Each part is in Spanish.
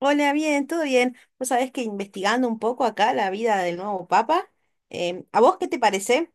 Hola, bien, todo bien. Vos sabés que investigando un poco acá la vida del nuevo Papa, ¿a vos qué te parece?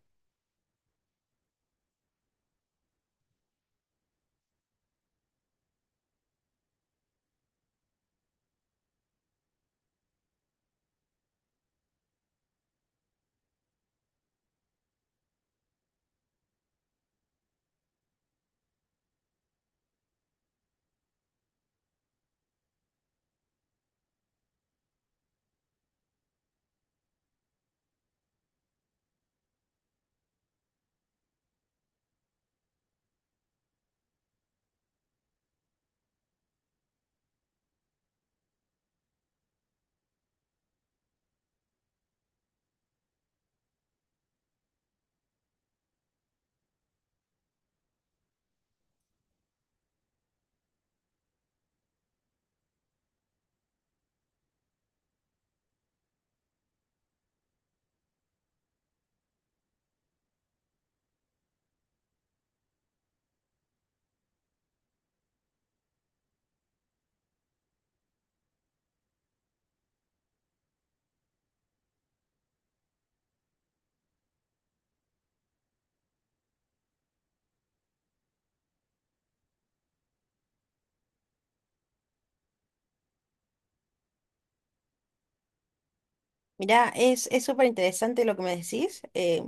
Mirá, es súper interesante lo que me decís.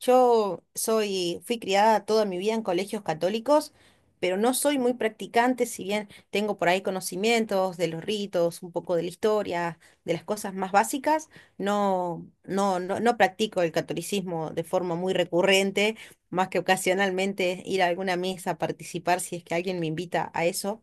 Yo soy, fui criada toda mi vida en colegios católicos, pero no soy muy practicante, si bien tengo por ahí conocimientos de los ritos, un poco de la historia, de las cosas más básicas, no, no, no, no practico el catolicismo de forma muy recurrente, más que ocasionalmente ir a alguna misa a participar si es que alguien me invita a eso.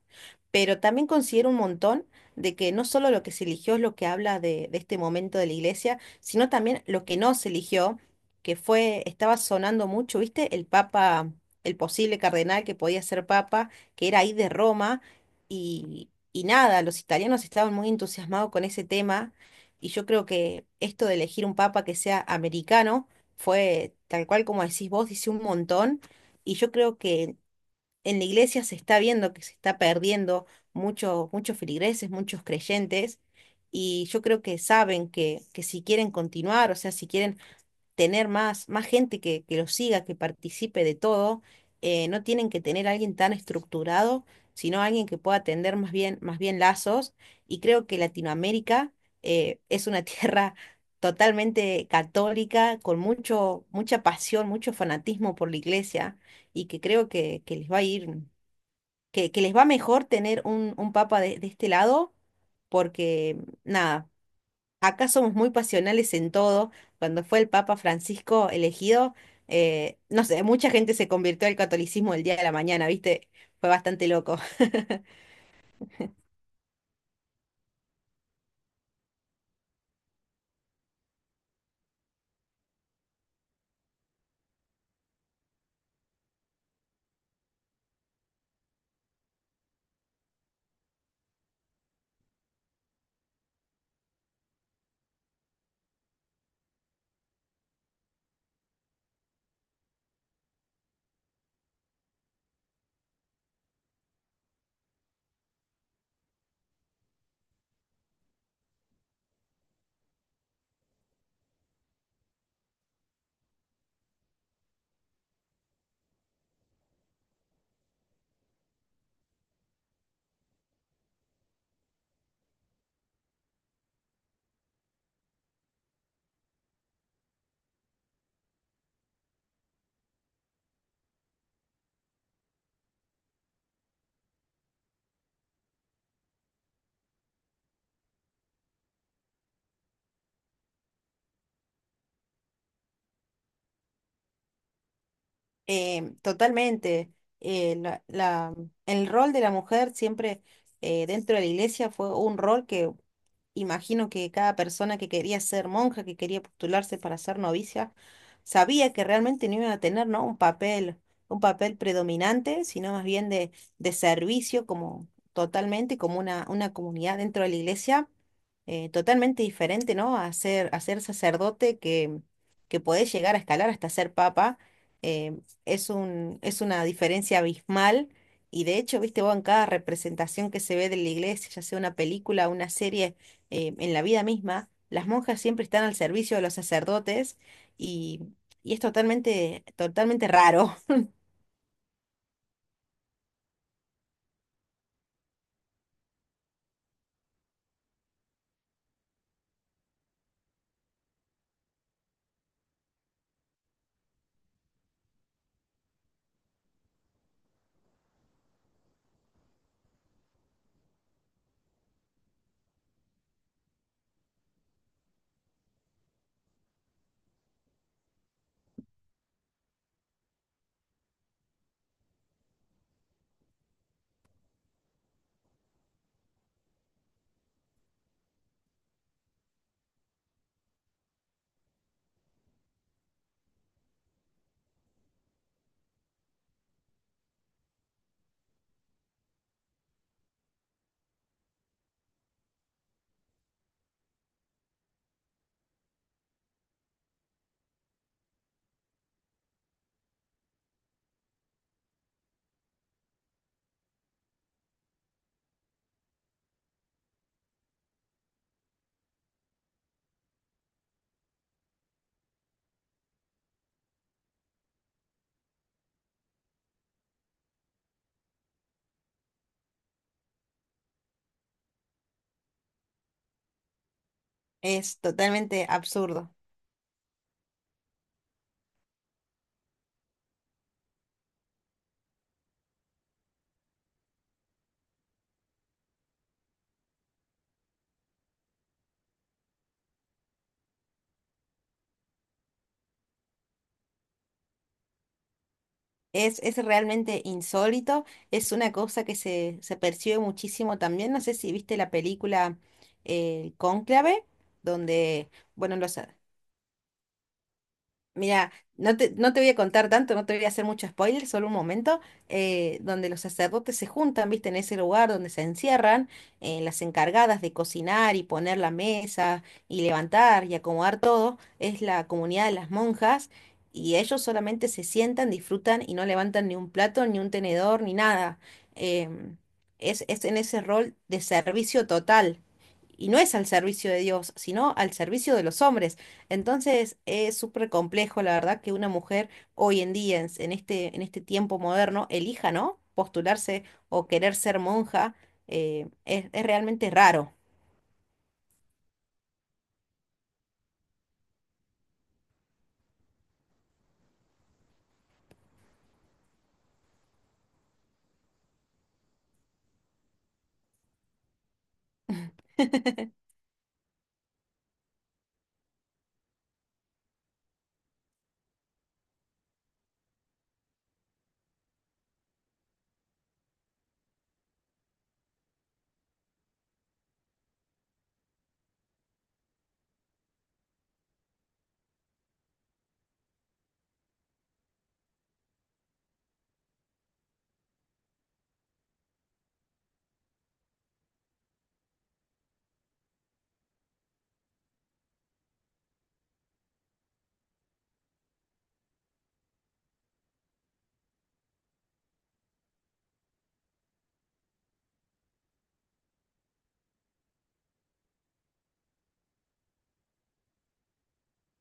Pero también considero un montón de que no solo lo que se eligió es lo que habla de este momento de la iglesia, sino también lo que no se eligió, que fue, estaba sonando mucho, ¿viste? El papa, el posible cardenal que podía ser papa, que era ahí de Roma, y nada, los italianos estaban muy entusiasmados con ese tema, y yo creo que esto de elegir un papa que sea americano fue, tal cual como decís vos, dice un montón. Y yo creo que en la iglesia se está viendo que se está perdiendo muchos feligreses, muchos creyentes, y yo creo que saben que si quieren continuar, o sea, si quieren tener más, más gente que los siga, que participe de todo, no tienen que tener a alguien tan estructurado, sino alguien que pueda tender más bien lazos, y creo que Latinoamérica es una tierra totalmente católica, con mucho, mucha pasión, mucho fanatismo por la iglesia, y que creo que les va a ir que les va mejor tener un papa de este lado, porque nada, acá somos muy pasionales en todo. Cuando fue el Papa Francisco elegido, no sé, mucha gente se convirtió al catolicismo el día de la mañana, ¿viste? Fue bastante loco. Totalmente. eh, la- la- el rol de la mujer siempre dentro de la iglesia fue un rol que imagino que cada persona que quería ser monja, que quería postularse para ser novicia, sabía que realmente no iba a tener, ¿no?, un papel predominante, sino más bien de servicio como totalmente, como una comunidad dentro de la iglesia, totalmente diferente, ¿no?, a ser sacerdote que podés llegar a escalar hasta ser papa. eh, es una diferencia abismal. Y de hecho, viste vos, en cada representación que se ve de la iglesia, ya sea una película, una serie, en la vida misma, las monjas siempre están al servicio de los sacerdotes y, y es totalmente, totalmente raro, es totalmente absurdo. Es realmente insólito, es una cosa que se percibe muchísimo también. No sé si viste la película Cónclave, donde, bueno, los... Mira, no te voy a contar tanto, no te voy a hacer mucho spoiler, solo un momento, donde los sacerdotes se juntan, viste, en ese lugar donde se encierran, las encargadas de cocinar y poner la mesa y levantar y acomodar todo, es la comunidad de las monjas, y ellos solamente se sientan, disfrutan y no levantan ni un plato, ni un tenedor, ni nada. Em, es en ese rol de servicio total. Y no es al servicio de Dios, sino al servicio de los hombres, entonces es súper complejo, la verdad, que una mujer hoy en día, en este tiempo moderno, elija, ¿no?, postularse o querer ser monja. Es realmente raro.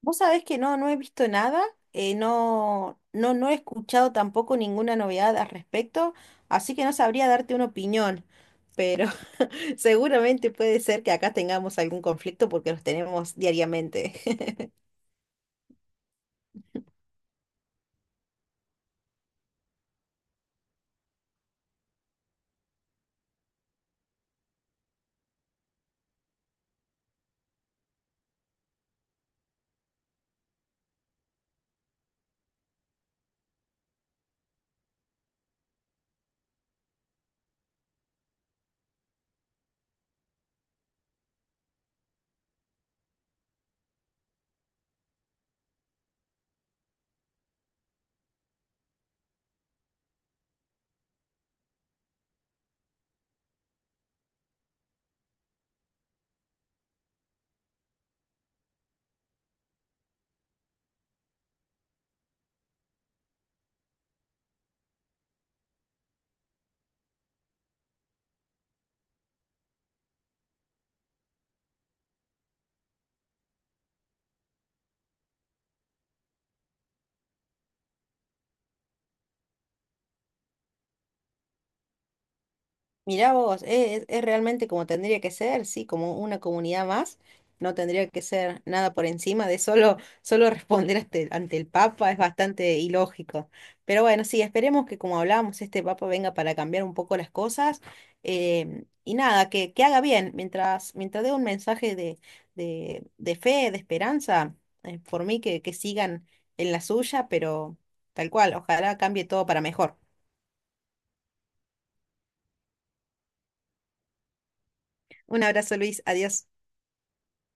Vos sabés que no, no he visto nada, no he escuchado tampoco ninguna novedad al respecto, así que no sabría darte una opinión, pero seguramente puede ser que acá tengamos algún conflicto porque los tenemos diariamente. Mirá vos, es realmente como tendría que ser, sí, como una comunidad más. No tendría que ser nada por encima de solo, solo responder ante, ante el Papa, es bastante ilógico. Pero bueno, sí, esperemos que como hablábamos, este Papa venga para cambiar un poco las cosas. Y nada, que haga bien, mientras, mientras dé un mensaje de fe, de esperanza, por mí que sigan en la suya, pero tal cual, ojalá cambie todo para mejor. Un abrazo, Luis, adiós.